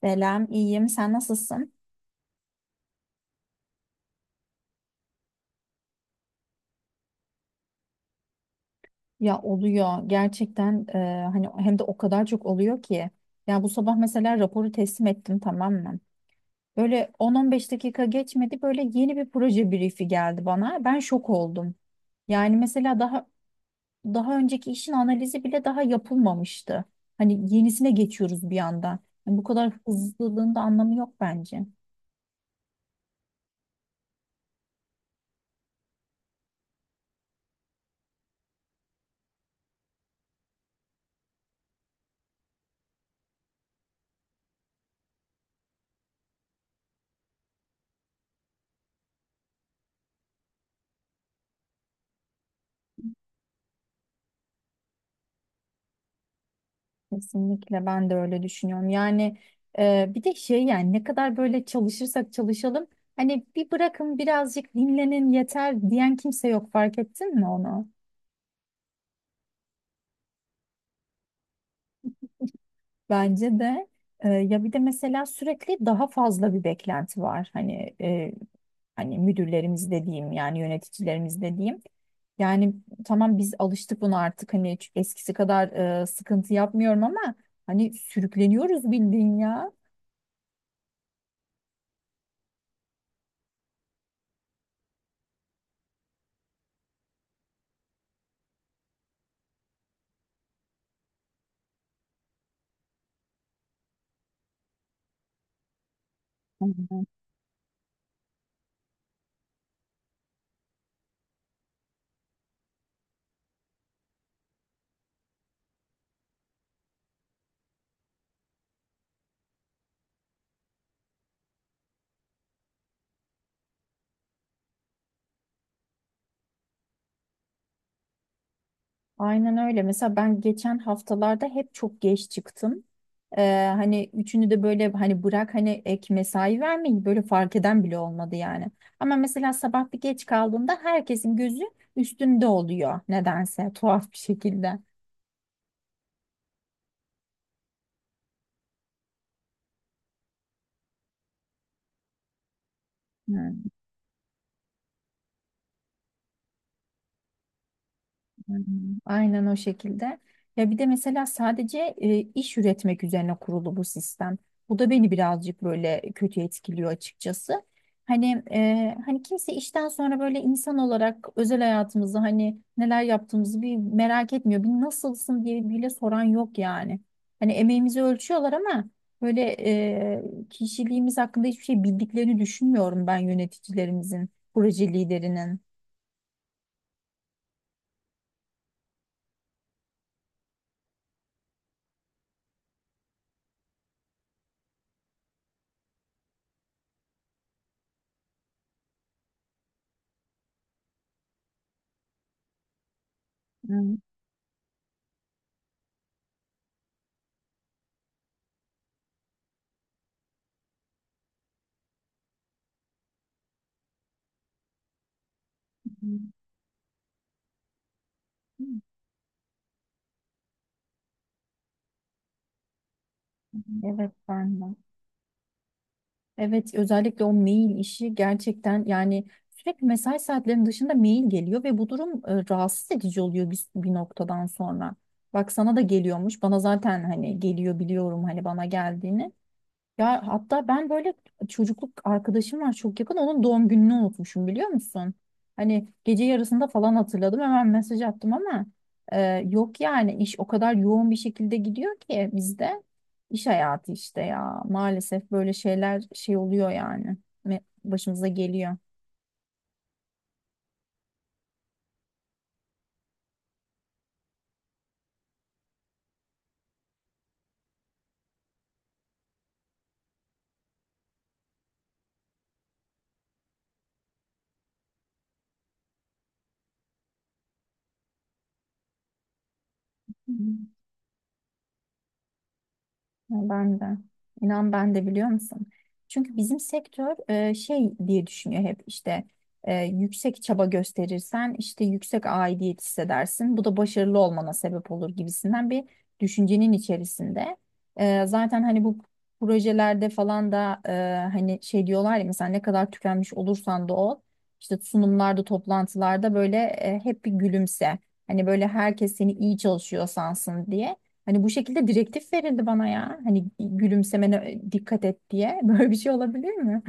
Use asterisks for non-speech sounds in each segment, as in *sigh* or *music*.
Selam, iyiyim. Sen nasılsın? Ya oluyor gerçekten hani hem de o kadar çok oluyor ki. Ya bu sabah mesela raporu teslim ettim tamam mı? Böyle 10-15 dakika geçmedi böyle yeni bir proje briefi geldi bana. Ben şok oldum. Yani mesela daha önceki işin analizi bile daha yapılmamıştı. Hani yenisine geçiyoruz bir anda. Bu kadar hızlılığın da anlamı yok bence. Kesinlikle ben de öyle düşünüyorum. Yani bir de şey yani ne kadar böyle çalışırsak çalışalım hani bir bırakın birazcık dinlenin yeter diyen kimse yok fark ettin mi onu? Bence de ya bir de mesela sürekli daha fazla bir beklenti var. Hani hani müdürlerimiz dediğim yani yöneticilerimiz dediğim. Yani tamam biz alıştık buna artık hani hiç eskisi kadar sıkıntı yapmıyorum ama hani sürükleniyoruz bildiğin ya. Aynen öyle. Mesela ben geçen haftalarda hep çok geç çıktım. Hani üçünü de böyle hani bırak hani ek mesai vermeyin böyle fark eden bile olmadı yani. Ama mesela sabah bir geç kaldığımda herkesin gözü üstünde oluyor nedense tuhaf bir şekilde. Hı. Hmm. Aynen o şekilde. Ya bir de mesela sadece iş üretmek üzerine kurulu bu sistem. Bu da beni birazcık böyle kötü etkiliyor açıkçası. Hani hani kimse işten sonra böyle insan olarak özel hayatımızı hani neler yaptığımızı bir merak etmiyor. Bir nasılsın diye bile soran yok yani. Hani emeğimizi ölçüyorlar ama böyle kişiliğimiz hakkında hiçbir şey bildiklerini düşünmüyorum ben yöneticilerimizin, proje liderinin. Hmm. Evet ben de. Evet, özellikle o mail işi gerçekten yani sürekli mesai saatlerinin dışında mail geliyor ve bu durum rahatsız edici oluyor bir noktadan sonra. Bak sana da geliyormuş. Bana zaten hani geliyor biliyorum hani bana geldiğini. Ya hatta ben böyle çocukluk arkadaşım var çok yakın onun doğum gününü unutmuşum biliyor musun? Hani gece yarısında falan hatırladım hemen mesaj attım ama e, yok yani iş o kadar yoğun bir şekilde gidiyor ki bizde iş hayatı işte ya maalesef böyle şeyler şey oluyor yani başımıza geliyor. Hı. Ya ben de. İnan ben de biliyor musun? Çünkü bizim sektör şey diye düşünüyor hep işte yüksek çaba gösterirsen işte yüksek aidiyet hissedersin. Bu da başarılı olmana sebep olur gibisinden bir düşüncenin içerisinde. Zaten hani bu projelerde falan da hani şey diyorlar ya mesela ne kadar tükenmiş olursan da ol işte sunumlarda toplantılarda böyle hep bir gülümse. Hani böyle herkes seni iyi çalışıyor sansın diye. Hani bu şekilde direktif verildi bana ya. Hani gülümsemene dikkat et diye. *laughs* Böyle bir şey olabilir mi?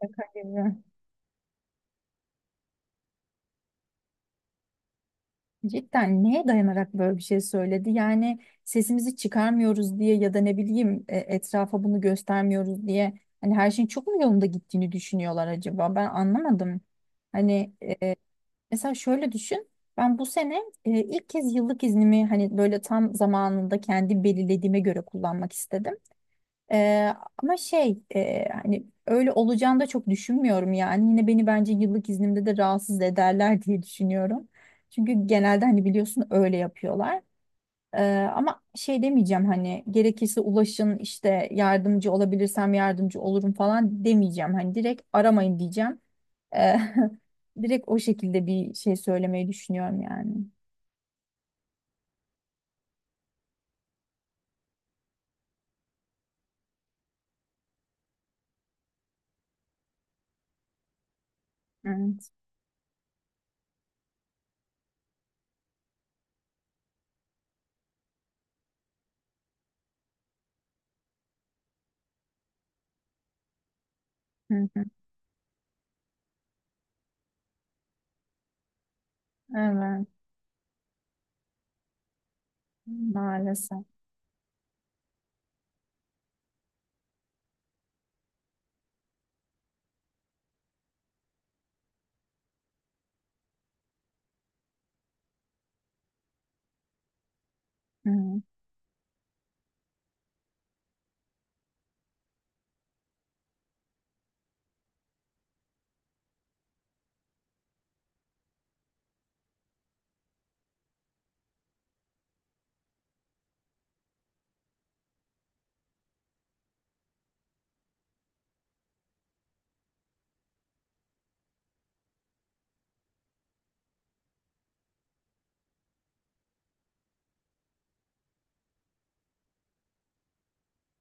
Kadir. Cidden neye dayanarak böyle bir şey söyledi? Yani sesimizi çıkarmıyoruz diye ya da ne bileyim etrafa bunu göstermiyoruz diye. Hani her şeyin çok mu yolunda gittiğini düşünüyorlar acaba? Ben anlamadım. Hani mesela şöyle düşün. Ben bu sene ilk kez yıllık iznimi hani böyle tam zamanında kendi belirlediğime göre kullanmak istedim. Ama şey hani öyle olacağını da çok düşünmüyorum yani. Yine beni bence yıllık iznimde de rahatsız ederler *laughs* diye düşünüyorum. Çünkü genelde hani biliyorsun öyle yapıyorlar. Ee, ama şey demeyeceğim hani gerekirse ulaşın işte yardımcı olabilirsem yardımcı olurum falan demeyeceğim. Hani direkt aramayın diyeceğim. Ee, *laughs* Direkt o şekilde bir şey söylemeyi düşünüyorum yani. Evet. Hı hı. Evet. Maalesef. Hı hı.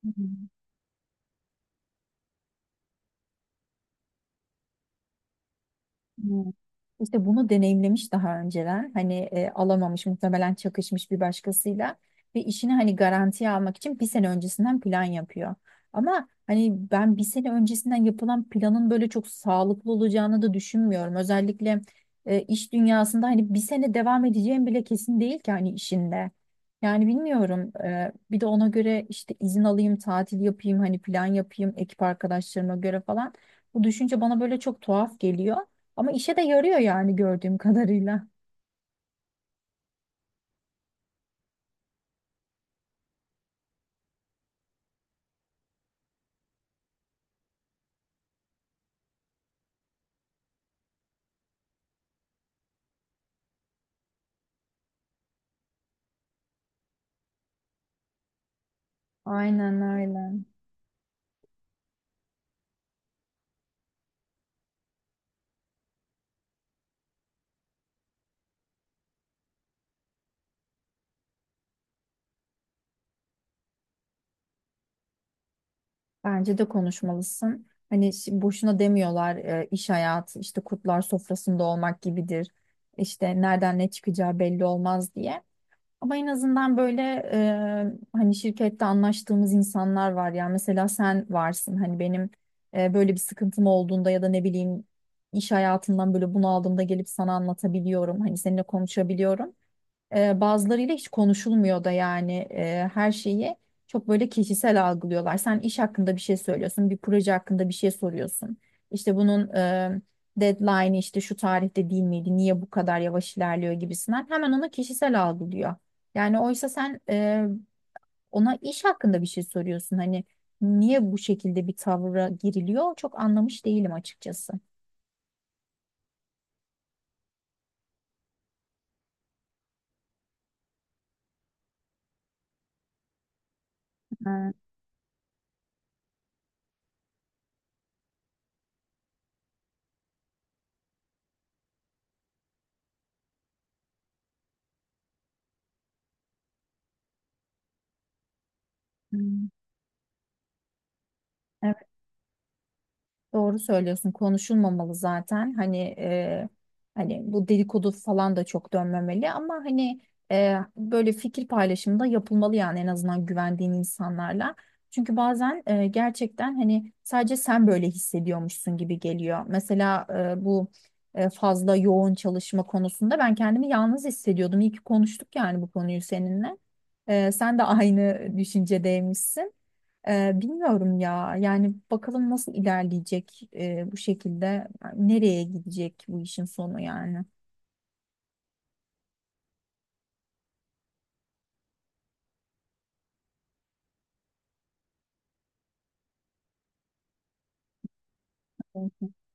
Hı hı. Hmm. İşte bunu deneyimlemiş daha önceler. Hani alamamış muhtemelen çakışmış bir başkasıyla ve işini hani garantiye almak için bir sene öncesinden plan yapıyor. Ama hani ben bir sene öncesinden yapılan planın böyle çok sağlıklı olacağını da düşünmüyorum. Özellikle iş dünyasında hani bir sene devam edeceğim bile kesin değil ki hani işinde. Yani bilmiyorum. Bir de ona göre işte izin alayım, tatil yapayım, hani plan yapayım ekip arkadaşlarıma göre falan. Bu düşünce bana böyle çok tuhaf geliyor. Ama işe de yarıyor yani gördüğüm kadarıyla. Aynen öyle. Bence de konuşmalısın. Hani boşuna demiyorlar iş hayatı işte kurtlar sofrasında olmak gibidir. İşte nereden ne çıkacağı belli olmaz diye. Ama en azından böyle hani şirkette anlaştığımız insanlar var ya mesela sen varsın hani benim böyle bir sıkıntım olduğunda ya da ne bileyim iş hayatından böyle bunaldığımda gelip sana anlatabiliyorum hani seninle konuşabiliyorum. Bazılarıyla hiç konuşulmuyor da yani her şeyi çok böyle kişisel algılıyorlar. Sen iş hakkında bir şey söylüyorsun, bir proje hakkında bir şey soruyorsun. İşte bunun deadline'ı işte şu tarihte değil miydi, niye bu kadar yavaş ilerliyor gibisinden hemen ona kişisel algılıyor. Yani oysa sen ona iş hakkında bir şey soruyorsun. Hani niye bu şekilde bir tavra giriliyor çok anlamış değilim açıkçası. Ha, hmm. Evet. Doğru söylüyorsun. Konuşulmamalı zaten. Hani hani bu dedikodu falan da çok dönmemeli ama hani böyle fikir paylaşımı da yapılmalı yani en azından güvendiğin insanlarla. Çünkü bazen gerçekten hani sadece sen böyle hissediyormuşsun gibi geliyor. Mesela bu fazla yoğun çalışma konusunda ben kendimi yalnız hissediyordum. İyi ki konuştuk yani bu konuyu seninle. Sen de aynı düşüncedeymişsin. Bilmiyorum ya. Yani bakalım nasıl ilerleyecek bu şekilde. Yani nereye gidecek bu işin sonu yani. *laughs*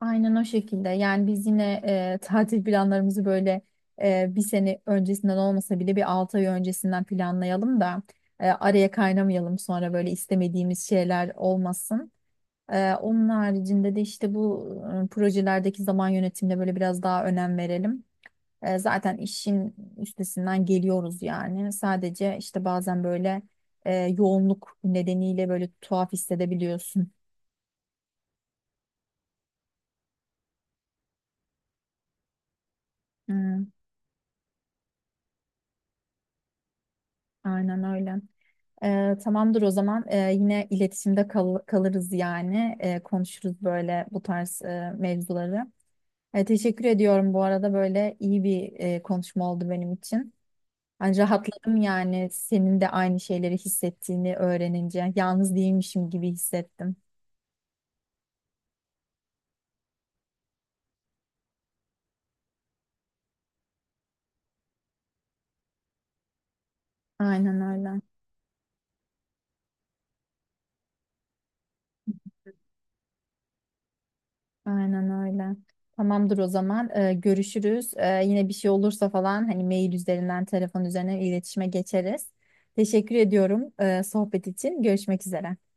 Aynen o şekilde. Yani biz yine tatil planlarımızı böyle bir sene öncesinden olmasa bile bir 6 ay öncesinden planlayalım da araya kaynamayalım sonra böyle istemediğimiz şeyler olmasın. Onun haricinde de işte bu projelerdeki zaman yönetimine böyle biraz daha önem verelim. Zaten işin üstesinden geliyoruz yani. Sadece işte bazen böyle yoğunluk nedeniyle böyle tuhaf hissedebiliyorsun. Hmm, aynen öyle. Tamamdır o zaman. Yine iletişimde kalırız yani. Konuşuruz böyle bu tarz mevzuları. Teşekkür ediyorum bu arada böyle iyi bir konuşma oldu benim için. Yani rahatladım yani senin de aynı şeyleri hissettiğini öğrenince. Yalnız değilmişim gibi hissettim. Aynen öyle. Aynen öyle. Tamamdır o zaman. Görüşürüz. Yine bir şey olursa falan hani mail üzerinden, telefon üzerinden iletişime geçeriz. Teşekkür ediyorum, sohbet için. Görüşmek üzere.